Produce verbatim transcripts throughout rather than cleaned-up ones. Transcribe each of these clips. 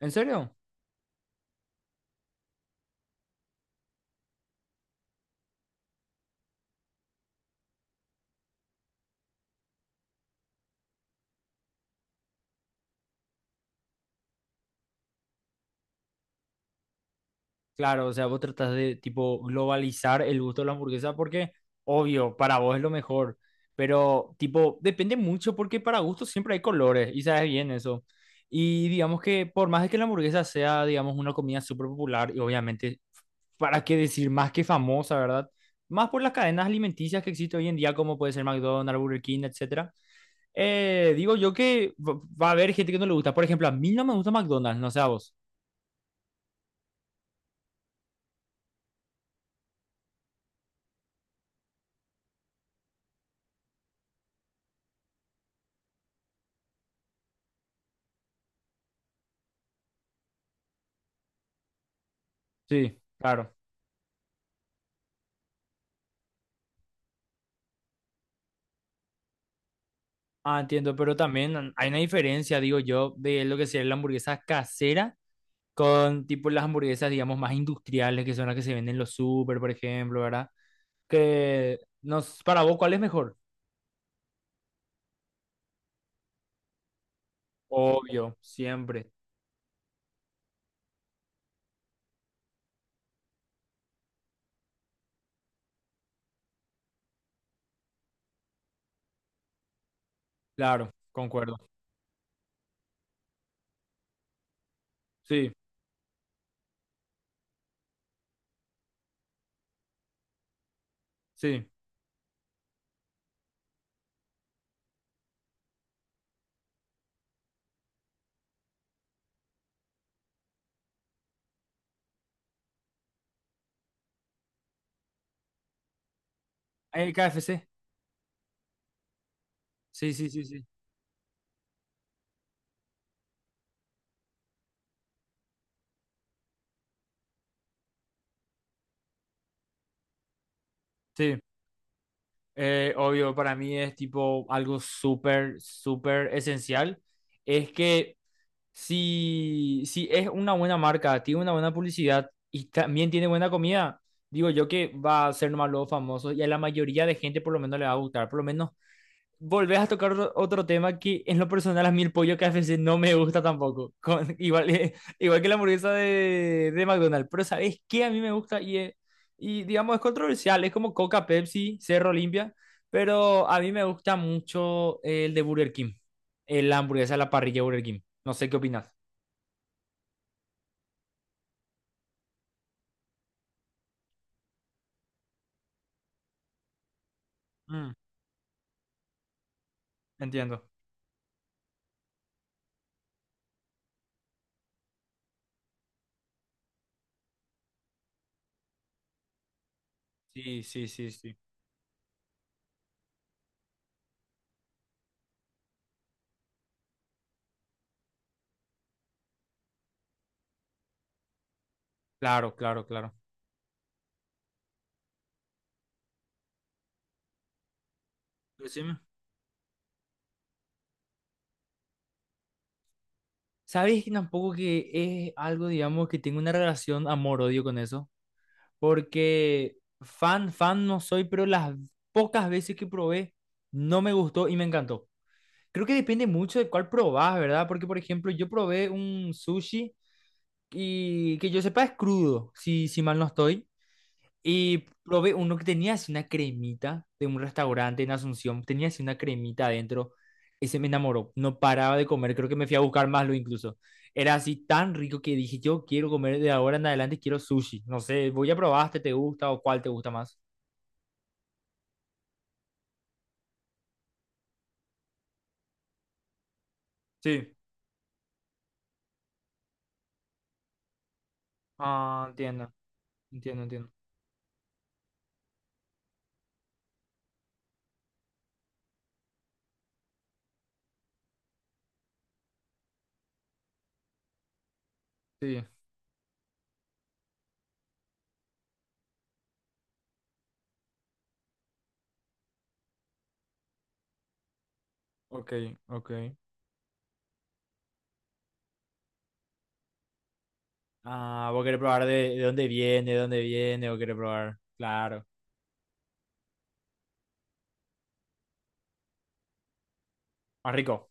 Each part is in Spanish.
¿En serio? Claro, o sea, vos tratás de tipo globalizar el gusto de la hamburguesa porque, obvio, para vos es lo mejor, pero tipo, depende mucho porque para gustos siempre hay colores y sabes bien eso. Y digamos que por más de que la hamburguesa sea, digamos, una comida súper popular y obviamente, ¿para qué decir más que famosa, verdad? Más por las cadenas alimenticias que existen hoy en día, como puede ser McDonald's, Burger King, etcétera. Eh, digo yo que va va a haber gente que no le gusta. Por ejemplo, a mí no me gusta McDonald's, no sé a vos. Sí, claro. Ah, entiendo, pero también hay una diferencia, digo yo, de lo que sería la hamburguesa casera con tipo las hamburguesas, digamos, más industriales, que son las que se venden en los súper, por ejemplo, ¿verdad? Que nos, para vos, ¿cuál es mejor? Obvio, siempre. Claro, concuerdo. Sí, sí. El K F C. Sí, sí, sí, sí. Sí. Eh, obvio, para mí es tipo algo súper, súper esencial. Es que si, si es una buena marca, tiene una buena publicidad y también tiene buena comida, digo yo que va a ser nomás los famosos y a la mayoría de gente por lo menos le va a gustar. Por lo menos volvés a tocar otro, otro tema que en lo personal a mí el pollo K F C no me gusta tampoco. Con- igual, eh, igual que la hamburguesa de, de McDonald's. Pero ¿sabes qué? A mí me gusta y, eh, y digamos es controversial. Es como Coca, Pepsi, Cerro Olimpia. Pero a mí me gusta mucho el de Burger King. El hamburguesa a la parrilla de Burger King. No sé qué opinas. Mm, entiendo. Sí, sí, sí, sí. Claro, claro, claro. Decime. ¿Sabes que tampoco que es algo, digamos, que tengo una relación amor-odio con eso? Porque fan, fan no soy, pero las pocas veces que probé no me gustó y me encantó. Creo que depende mucho de cuál probás, ¿verdad? Porque, por ejemplo, yo probé un sushi y que yo sepa es crudo, si, si mal no estoy. Y probé uno que tenía así una cremita de un restaurante en Asunción, tenía así una cremita adentro. Ese me enamoró, no paraba de comer, creo que me fui a buscar más lo incluso. Era así tan rico que dije, yo quiero comer de ahora en adelante, quiero sushi. No sé, voy a probar, este te gusta o cuál te gusta más. Sí. Ah, entiendo, entiendo, entiendo. Sí, ok, ok. Ah, vos querés probar de, de dónde viene, de dónde viene, vos querés probar. Claro, más rico.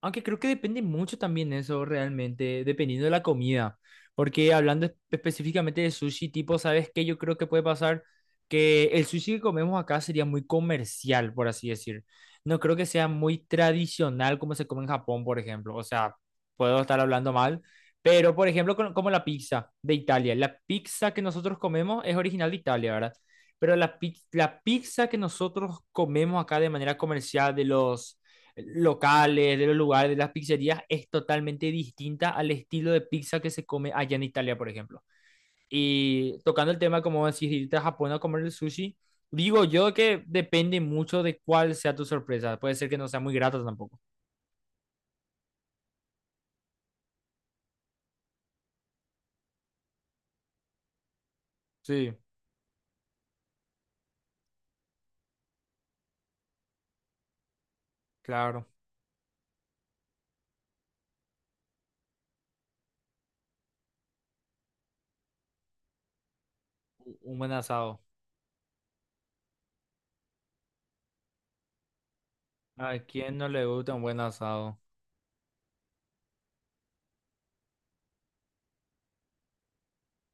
Aunque creo que depende mucho también eso realmente, dependiendo de la comida. Porque hablando espe- específicamente de sushi, tipo, ¿sabes qué? Yo creo que puede pasar que el sushi que comemos acá sería muy comercial, por así decir. No creo que sea muy tradicional como se come en Japón, por ejemplo. O sea, puedo estar hablando mal, pero por ejemplo, con- como la pizza de Italia. La pizza que nosotros comemos es original de Italia, ¿verdad? Pero la, pi- la pizza que nosotros comemos acá de manera comercial de los locales, de los lugares, de las pizzerías, es totalmente distinta al estilo de pizza que se come allá en Italia, por ejemplo. Y tocando el tema, como decir, irte a Japón a comer el sushi, digo yo que depende mucho de cuál sea tu sorpresa. Puede ser que no sea muy grata tampoco. Sí, claro. U- Un buen asado. ¿A quién no le gusta un buen asado?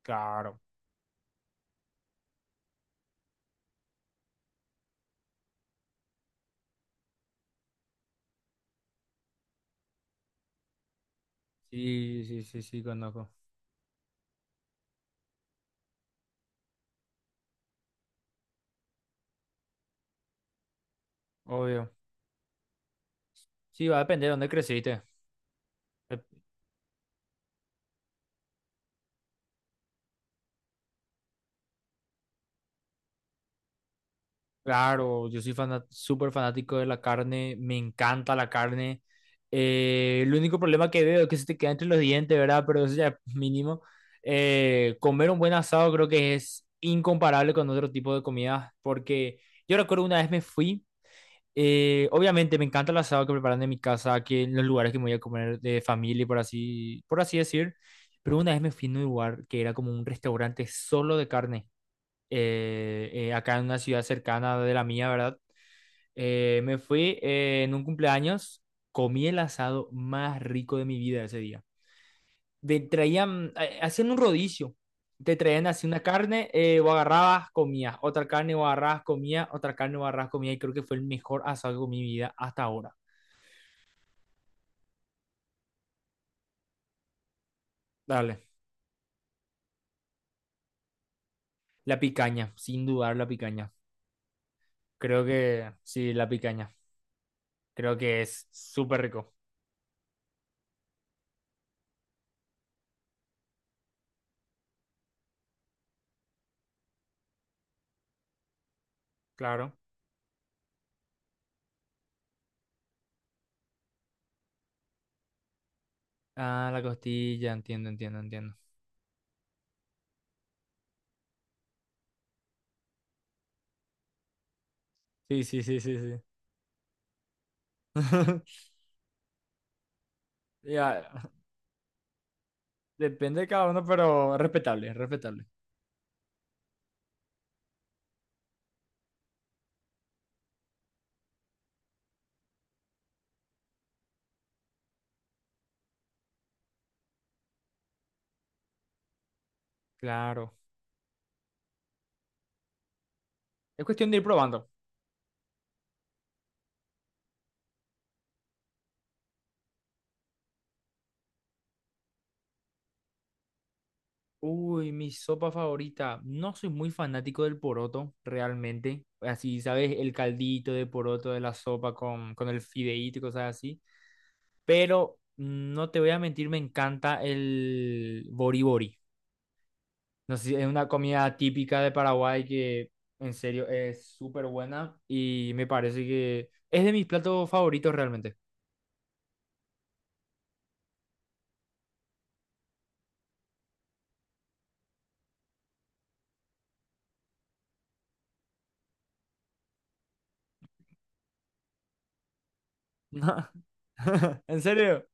Claro. Sí, sí, sí, sí, conozco. Obvio. Sí, va a depender de dónde creciste. Claro, yo soy fana- súper fanático de la carne, me encanta la carne. Eh, el único problema que veo es que se te queda entre los dientes, ¿verdad? Pero eso ya es mínimo. Eh, comer un buen asado creo que es incomparable con otro tipo de comidas, porque yo recuerdo una vez me fui, eh, obviamente me encanta el asado que preparan en mi casa, que en los lugares que me voy a comer de familia, por así, por así decir, pero una vez me fui a un lugar que era como un restaurante solo de carne eh, eh, acá en una ciudad cercana de la mía, ¿verdad? Eh, me fui eh, en un cumpleaños, comí el asado más rico de mi vida ese día. Te traían, eh, hacían un rodicio, te traían así una carne, eh, o agarrabas, comías, otra carne, o agarrabas, comías, otra carne, o agarrabas, comías, y creo que fue el mejor asado que comí en mi vida hasta ahora. Dale, la picaña, sin dudar la picaña. Creo que, sí, la picaña. Creo que es súper rico, claro. Ah, la costilla, entiendo, entiendo, entiendo. Sí, sí, sí, sí, sí. Ya, depende de cada uno, pero respetable, respetable. Claro. Es cuestión de ir probando. Uy, mi sopa favorita. No soy muy fanático del poroto, realmente. Así, ¿sabes? El caldito de poroto de la sopa con, con el fideíto y cosas así. Pero no te voy a mentir, me encanta el boribori. No sé, es una comida típica de Paraguay que en serio es súper buena y me parece que es de mis platos favoritos realmente. en serio.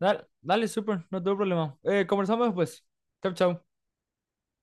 Dale, dale, súper, no tengo problema. Eh, conversamos después. Chau, chau.